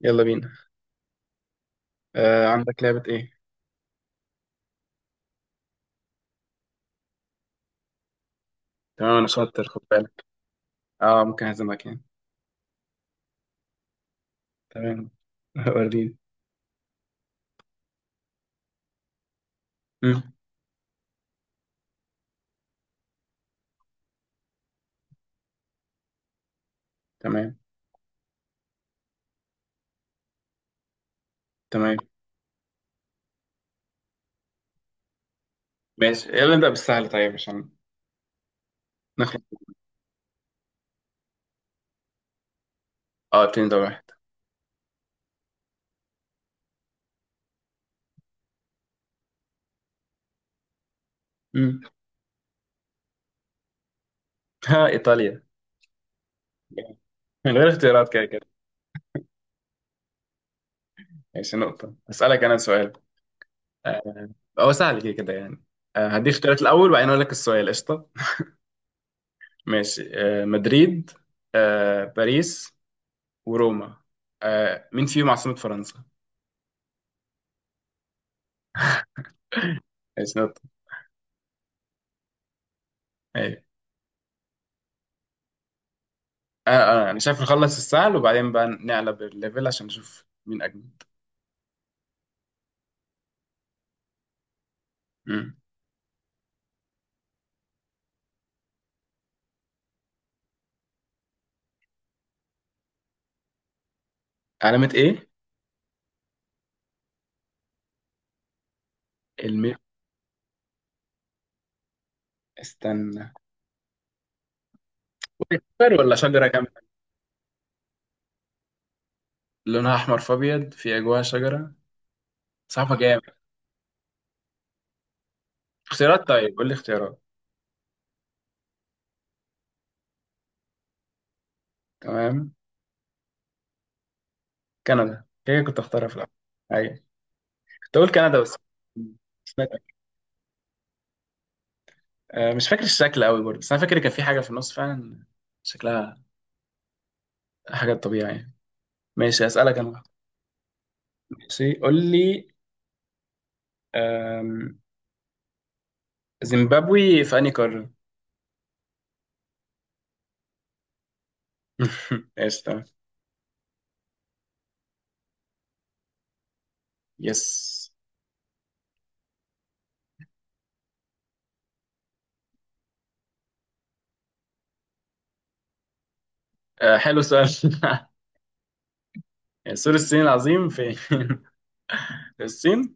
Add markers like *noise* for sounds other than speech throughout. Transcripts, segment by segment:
يلا بينا. عندك لعبة ايه؟ تمام انا شاطر، خد بالك. اه ممكن اهزمك يعني. تمام. *laughs* وريني. مم. تمام تمام. ماشي، يلا نبدأ بالسهل طيب عشان نخلص. اه اتنين دور واحد. مم. ها، ايطاليا. *laughs* من غير اختيارات كده كده. ماشي نقطة. اسألك انا سؤال. آه هو سهل كده كده يعني. هديك اختيارات الاول وبعدين اقول لك السؤال. قشطة. ماشي. مدريد، باريس، وروما. مين فيهم عاصمة فرنسا؟ *laughs* ماشي نقطة. أيوة. اه اه يعني شايف نخلص السهل وبعدين بقى نقلب الليفل عشان نشوف مين اجمل. مم. علامة ايه؟ الميل. استنى. شجر ولا شجرة كاملة؟ لونها احمر في ابيض، في جواها شجرة. صعبة جامد. اختيارات، طيب قول لي اختيارات. تمام. كندا هي كنت اختارها في الاول. ايوه، كنت اقول كندا بس. مش فاكر. مش فاكر الشكل قوي برضه، بس انا فاكر كان في حاجة في النص فعلا. شكلها حاجة طبيعية يعني. ماشي، اسألك انا واحد. ماشي، قول لي. آم، زيمبابوي في انهي قارة؟ *laughs* قشطة. يس. حلو السؤال. *laughs* سور الصين العظيم فين؟ *laughs* في الصين؟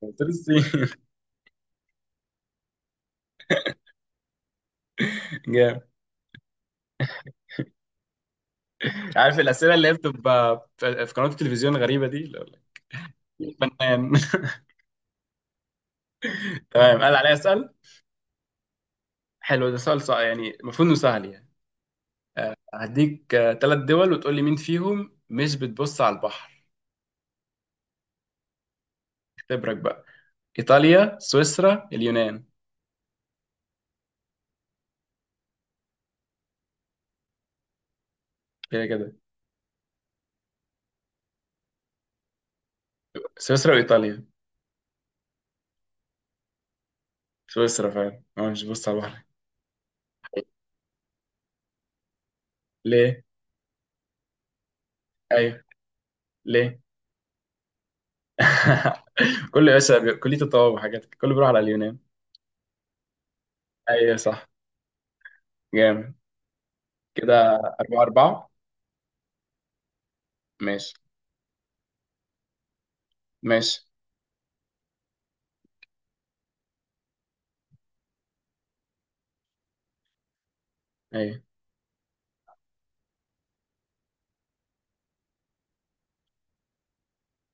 سور الصين. *laughs* جامد. عارف الأسئلة اللي هي بتبقى في قنوات التلفزيون الغريبة دي اللي هو like فنان. *laughs* تمام، قال عليا أسأل. حلو ده سؤال صعب، يعني المفروض إنه سهل يعني. هديك ثلاث دول وتقول لي مين فيهم مش بتبص على البحر. اختبرك بقى. إيطاليا، سويسرا، اليونان. كده كده. سويسرا وإيطاليا. سويسرا فعلا هو مش بتبص على البحر. ليه؟ أيوه. ليه؟ *laughs* كله يا باشا، كلية الطواب وحاجات، كله بيروح على اليونان. ايوه صح. جامد كده. 4-4. ماشي. ماشي. أيوة.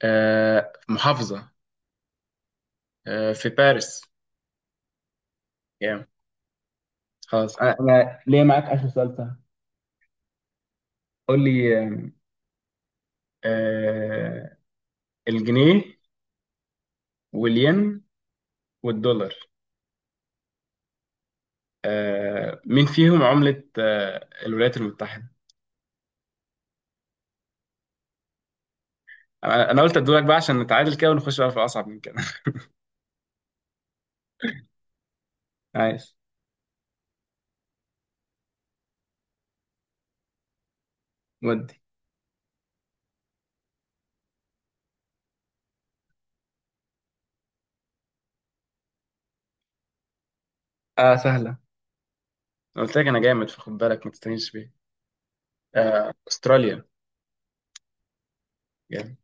محافظة. في باريس. جامد. خلاص، أنا أنا ليا معاك آخر سؤال سهل. قول لي. آه، الجنيه، والين، والدولار. مين فيهم عملة الولايات المتحدة. أنا قلت أدولك بقى عشان نتعادل كده، ونخش بقى في أصعب من كده. *laughs* عايز. ودي. سهلة. أنا قلت لك أنا جامد، فخد بالك ما تستهينش بيا. استراليا يعني.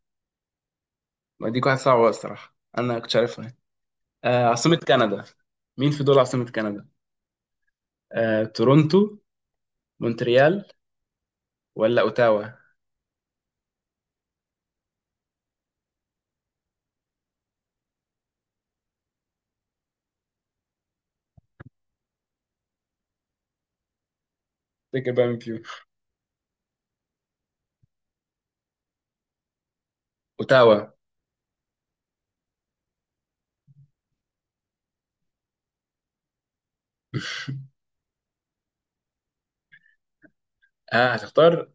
ما دي واحد صعبة بقى الصراحة، انا كنت عارفها. عاصمة كندا. مين في دول عاصمة كندا؟ تورونتو، مونتريال، ولا اوتاوا. تفتكر بقى مين فيهم؟ اوتاوا. اه هتختار.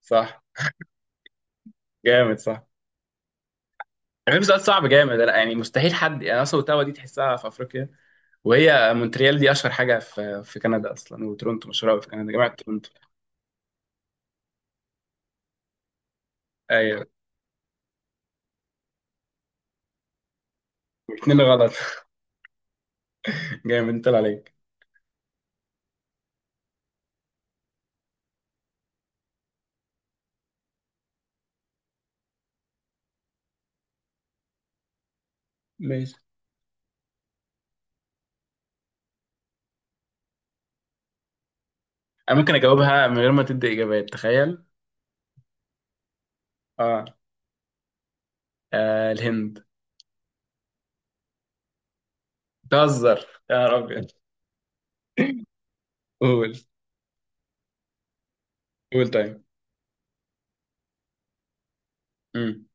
صح. جامد صح. يعني سؤال صعب جامد انا، يعني مستحيل حد يعني، اصلا اوتاوا دي تحسها في افريقيا. وهي مونتريال دي اشهر حاجه في كندا اصلا، وتورونتو مشهوره أوي في كندا، جامعه تورونتو. ايوه، الاثنين غلط. *laughs* جامد طلع عليك. ماشي. انا ممكن اجاوبها من غير ما تدي اجابات، تخيل. اه. الهند. بتهزر يا رب. قول. قول طيب. مم.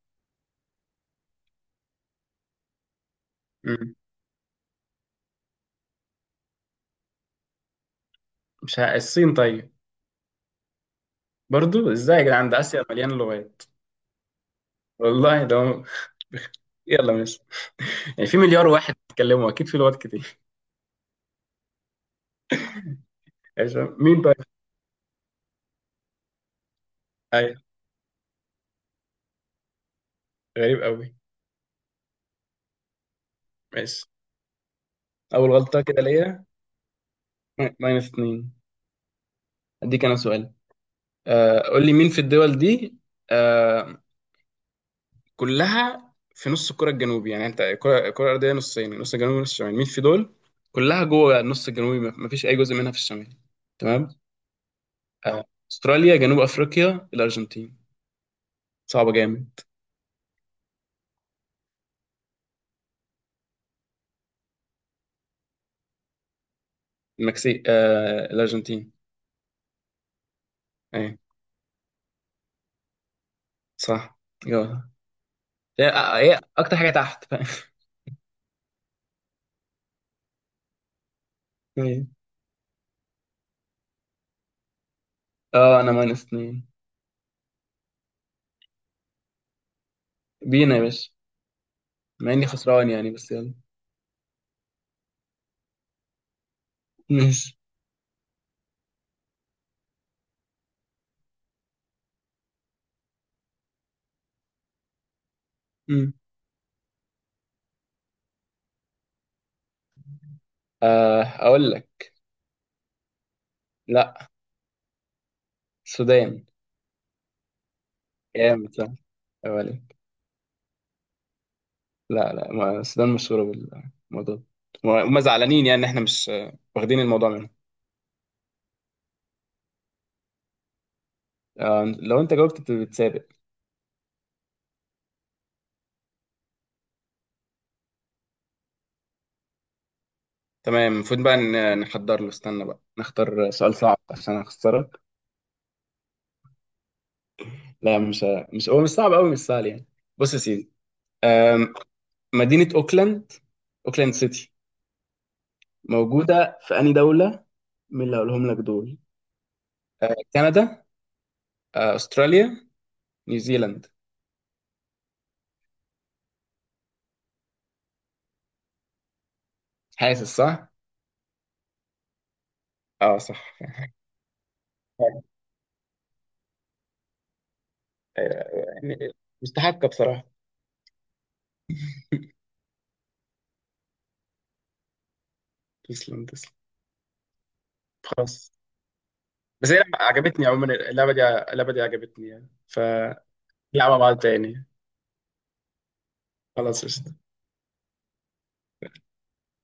مم. مش ه... الصين طيب. برضو ازاي يا جدعان، ده اسيا مليان لغات. والله. يلا ماشي. يعني في مليار واحد بيتكلموا، اكيد في لغات كتير. ماشي. مين طيب؟ ايوه. غريب قوي. ماشي. اول غلطه كده ليا. ماينس اتنين. اديك انا سؤال. قول لي مين في الدول دي. آه كلها في نص الكرة الجنوبي. يعني انت الكرة الأرضية نصين، نص الجنوبي ونص الشمالي. مين في دول كلها جوه النص الجنوبي، ما فيش أي جزء منها في الشمال. تمام. آه، أستراليا، جنوب أفريقيا، الأرجنتين. صعبة جامد. المكسيك، الأرجنتين. أي. صح. جوه. هي هي أكتر حاجة تحت. *laughs* ايه. اه أنا ماينس اتنين. بينا يا باشا. مع إني خسران يعني، بس يلا. ماشي. مم. أقول لك. لا، السودان. جامد صح. أولي. لا لا، ما السودان مشهورة بالموضوع ده. وهم زعلانين يعني إن إحنا مش واخدين الموضوع منهم. لو أنت جاوبت بتسابق. تمام. المفروض بقى نحضر له. استنى بقى، نختار سؤال صعب عشان أخسرك. لا مش هو مش صعب أوي، مش سهل يعني. بص يا سيدي. آم، مدينة أوكلاند، أوكلاند سيتي، موجودة في أي دولة، من اللي هقولهم لك دول؟ كندا، أستراليا، نيوزيلاند. حاسس صح؟ اه صح. أيوة. أيوة. يعني مستحقة بصراحة. تسلم تسلم. خلاص. بس هي عجبتني عموما. اللعبة دي، اللعبة دي عجبتني يعني فنلعبها بعض تاني. خلاص قشطة